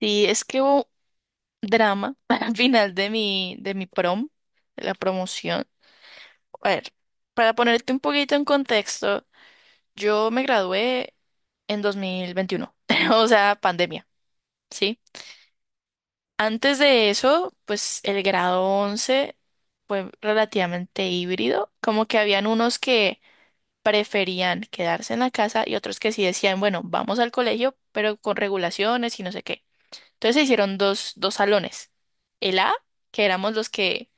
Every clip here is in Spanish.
Sí, es que hubo drama al final de mi prom, de la promoción. A ver, para ponerte un poquito en contexto, yo me gradué en 2021 o sea, pandemia, ¿sí? Antes de eso, pues el grado 11 fue relativamente híbrido, como que habían unos que preferían quedarse en la casa y otros que sí decían, bueno, vamos al colegio, pero con regulaciones y no sé qué. Entonces se hicieron dos salones. El A, que éramos los que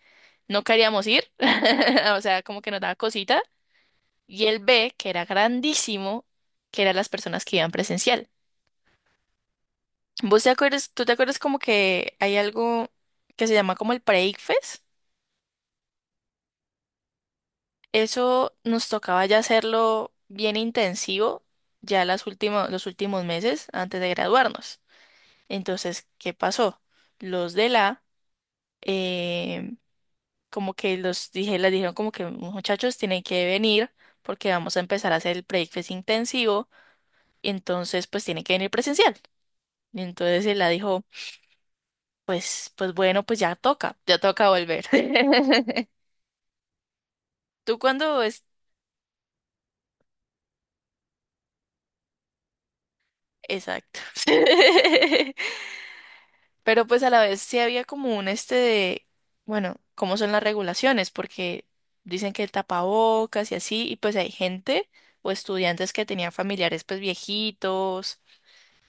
no queríamos ir, o sea, como que nos daba cosita, y el B, que era grandísimo, que eran las personas que iban presencial. ¿Tú te acuerdas como que hay algo que se llama como el pre-ICFES? Eso nos tocaba ya hacerlo bien intensivo ya los últimos meses antes de graduarnos. Entonces, ¿qué pasó? Los de la como que les dijeron como que muchachos tienen que venir porque vamos a empezar a hacer el breakfast intensivo y entonces pues tienen que venir presencial. Y entonces él la dijo, pues bueno, pues ya toca volver. ¿Tú cuándo es? Exacto. Pero pues a la vez sí había como un este de, bueno, ¿cómo son las regulaciones? Porque dicen que el tapabocas y así, y pues hay gente o estudiantes que tenían familiares pues viejitos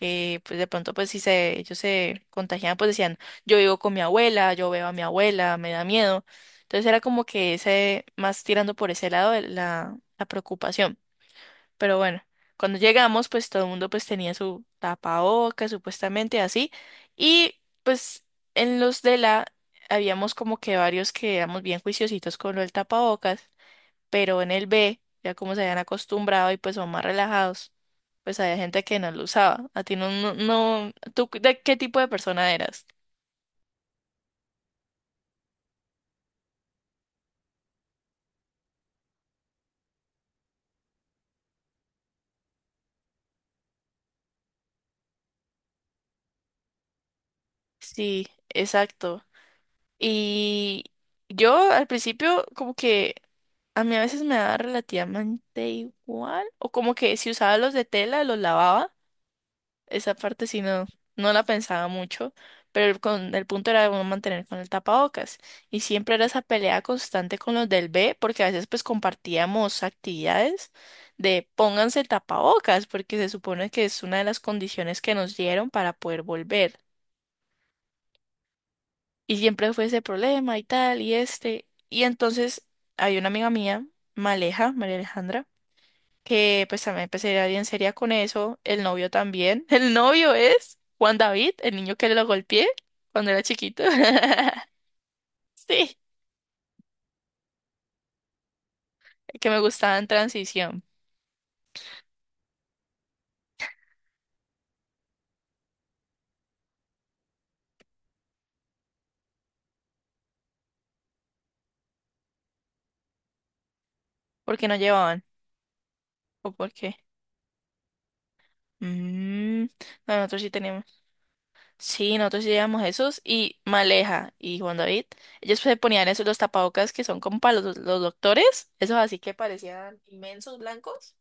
pues de pronto, pues si se, ellos se contagiaban, pues decían, yo vivo con mi abuela, yo veo a mi abuela, me da miedo. Entonces era como que ese, más tirando por ese lado de la preocupación. Pero bueno, cuando llegamos, pues todo el mundo pues tenía su tapabocas, supuestamente así. Y pues en los de la, habíamos como que varios que éramos bien juiciositos con lo del tapabocas, pero en el B, ya como se habían acostumbrado y pues son más relajados, pues había gente que no lo usaba. A ti no, no, no, ¿tú de qué tipo de persona eras? Sí, exacto. Y yo al principio como que a mí a veces me daba relativamente igual, o como que si usaba los de tela, los lavaba. Esa parte sí no la pensaba mucho, pero el punto era uno mantener con el tapabocas. Y siempre era esa pelea constante con los del B, porque a veces pues compartíamos actividades de pónganse el tapabocas, porque se supone que es una de las condiciones que nos dieron para poder volver. Y siempre fue ese problema y tal, y este. Y entonces hay una amiga mía, Maleja, María Alejandra, que pues también empecé a ir bien seria con eso. El novio también. El novio es Juan David, el niño que lo golpeé cuando era chiquito. Sí, el que me gustaba en transición. ¿Por qué no llevaban? ¿O por qué? Mm, no, nosotros sí teníamos. Sí, nosotros sí llevamos esos y Maleja y Juan David. Ellos se ponían esos los tapabocas que son como para los doctores. Esos así que parecían inmensos blancos.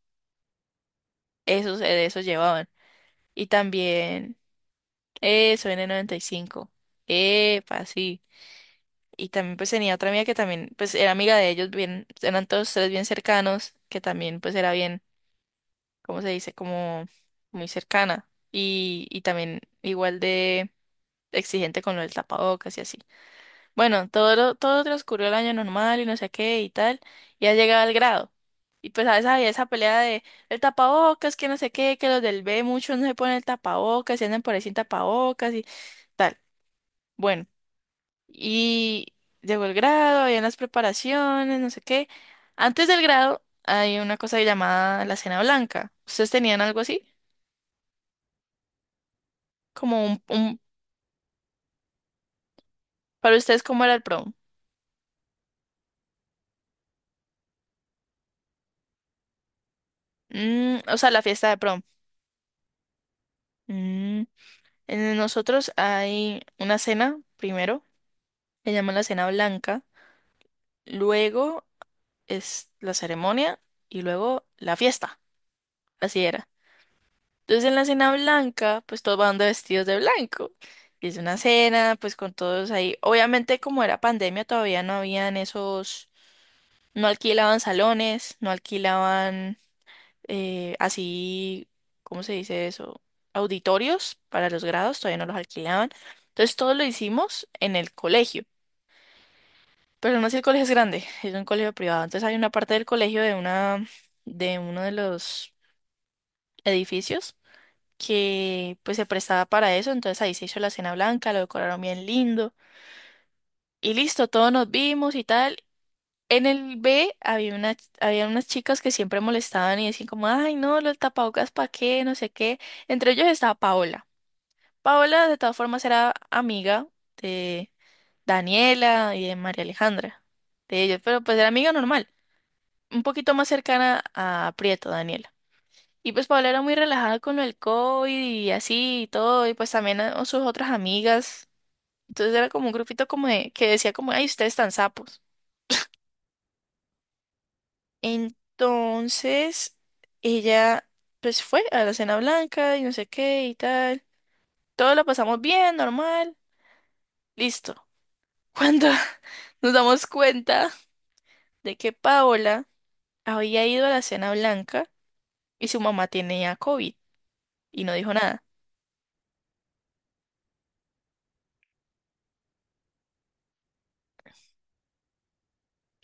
Esos, esos llevaban. Y también. Eso, N95. Epa, sí. Y también pues tenía otra amiga que también pues era amiga de ellos, bien, eran todos tres bien cercanos, que también pues era bien, ¿cómo se dice? Como muy cercana. Y también igual de exigente con lo del tapabocas y así. Bueno, todo, todo transcurrió el año normal y no sé qué y tal, y ha llegado al grado. Y pues a veces había esa pelea de el tapabocas, que no sé qué, que los del B muchos no se ponen el tapabocas y andan por ahí sin tapabocas y tal. Bueno. Y llegó el grado, habían las preparaciones, no sé qué. Antes del grado hay una cosa llamada la cena blanca. ¿Ustedes tenían algo así? Como un, para ustedes, ¿cómo era el prom? Mm, o sea, la fiesta de prom. Mm, en nosotros hay una cena primero, que llaman la cena blanca. Luego es la ceremonia y luego la fiesta. Así era. Entonces en la cena blanca, pues todos van de vestidos de blanco. Y es una cena, pues con todos ahí. Obviamente como era pandemia, todavía no habían esos, no alquilaban salones, no alquilaban así, ¿cómo se dice eso? Auditorios para los grados, todavía no los alquilaban. Entonces todo lo hicimos en el colegio. Pero no sé si el colegio es grande, es un colegio privado. Entonces hay una parte del colegio de uno de los edificios que pues se prestaba para eso, entonces ahí se hizo la cena blanca, lo decoraron bien lindo y listo, todos nos vimos y tal. En el B había unas chicas que siempre molestaban y decían como, ay no, los tapabocas para qué, no sé qué. Entre ellos estaba Paola. Paola de todas formas era amiga de Daniela y de María Alejandra, de ellos, pero pues era amiga normal, un poquito más cercana a Prieto, Daniela. Y pues Paola era muy relajada con el COVID y así y todo, y pues también a- sus otras amigas. Entonces era como un grupito como de, que decía como, ay, ustedes están sapos. Entonces ella pues fue a la cena blanca y no sé qué y tal. Todo lo pasamos bien, normal, listo. Cuando nos damos cuenta de que Paola había ido a la cena blanca y su mamá tenía COVID y no dijo nada.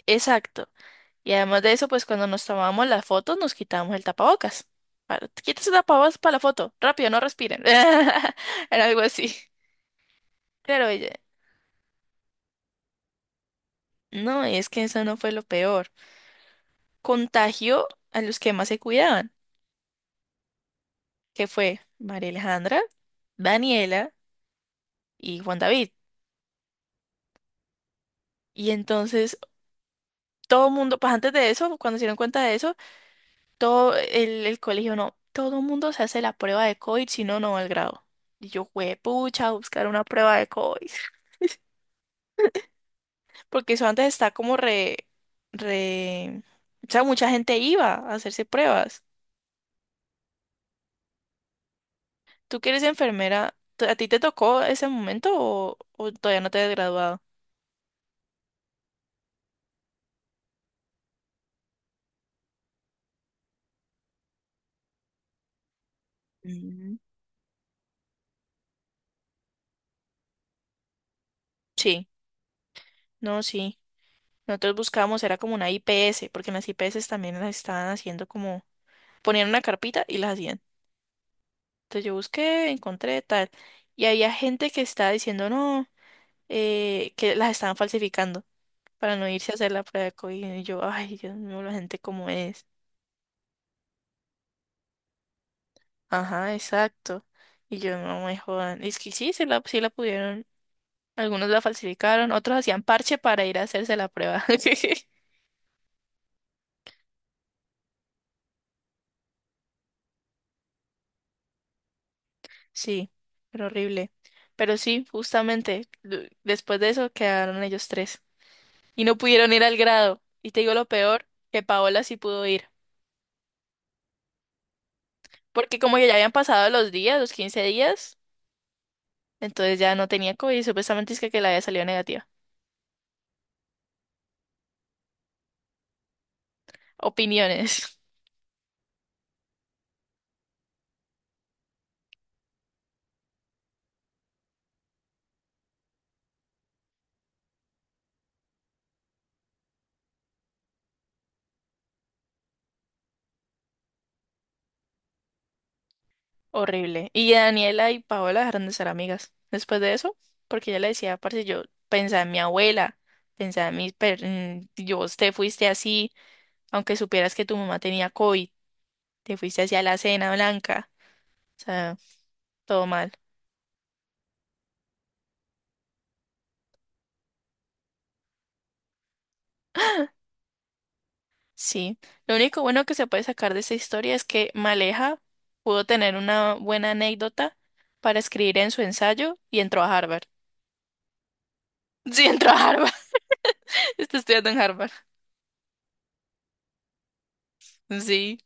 Exacto. Y además de eso, pues cuando nos tomábamos las fotos, nos quitábamos el tapabocas. Para, quítese el tapabocas para la foto. Rápido, no respiren. Era algo así. Claro, ella. No, y es que eso no fue lo peor. Contagió a los que más se cuidaban, que fue María Alejandra, Daniela y Juan David. Y entonces todo el mundo, pues antes de eso, cuando se dieron cuenta de eso, todo el colegio, no, todo el mundo se hace la prueba de COVID, si no, no va al grado. Y yo, pucha, buscar una prueba de COVID. Porque eso antes está como re. O sea, mucha gente iba a hacerse pruebas. ¿Tú que eres enfermera? ¿A ti te tocó ese momento o todavía no te has graduado? Mm. Sí, no, sí. Nosotros buscábamos, era como una IPS, porque en las IPS también las estaban haciendo como... Ponían una carpita y las hacían. Entonces yo busqué, encontré, tal. Y había gente que estaba diciendo, no, que las estaban falsificando para no irse a hacer la prueba de COVID. Y yo, ay, Dios mío, la gente como es. Ajá, exacto. Y yo no me jodan. Es que sí, sí la pudieron. Algunos la falsificaron, otros hacían parche para ir a hacerse la prueba. Sí, pero horrible. Pero sí, justamente, después de eso quedaron ellos tres. Y no pudieron ir al grado. Y te digo lo peor, que Paola sí pudo ir. Porque como que ya habían pasado los días, los 15 días, entonces ya no tenía COVID y supuestamente es que la había salido negativa. Opiniones. Horrible. Y Daniela y Paola dejaron de ser amigas después de eso, porque ella le decía, parce, yo pensaba en mi abuela, pensaba en mis... yo, vos te fuiste así, aunque supieras que tu mamá tenía COVID, te fuiste hacia la cena blanca, o sea, todo mal. Sí. Lo único bueno que se puede sacar de esta historia es que Maleja pudo tener una buena anécdota para escribir en su ensayo y entró a Harvard. Sí, entró a Harvard. Está estudiando en Harvard. Sí.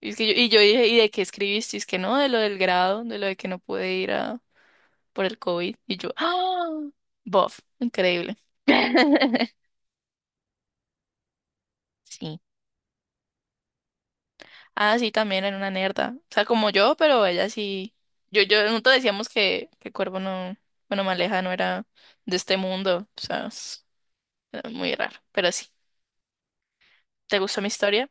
Y yo dije, ¿y de qué escribiste? Y es que no, de lo del grado, de lo de que no pude ir a, por el COVID. Y yo, ¡ah! Bof, increíble. Sí. Ah, sí, también era una nerda. O sea, como yo, pero ella sí. Nosotros decíamos que, Cuervo no, bueno, Maleja no era de este mundo. O sea, era muy raro. Pero sí. ¿Te gustó mi historia?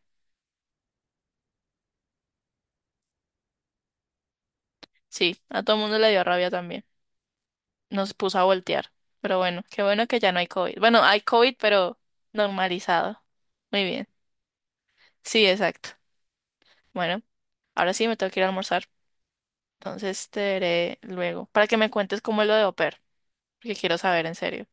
Sí, a todo el mundo le dio rabia también. Nos puso a voltear. Pero bueno, qué bueno que ya no hay COVID. Bueno, hay COVID, pero normalizado. Muy bien. Sí, exacto. Bueno, ahora sí me tengo que ir a almorzar. Entonces te veré luego para que me cuentes cómo es lo de au pair, porque quiero saber en serio.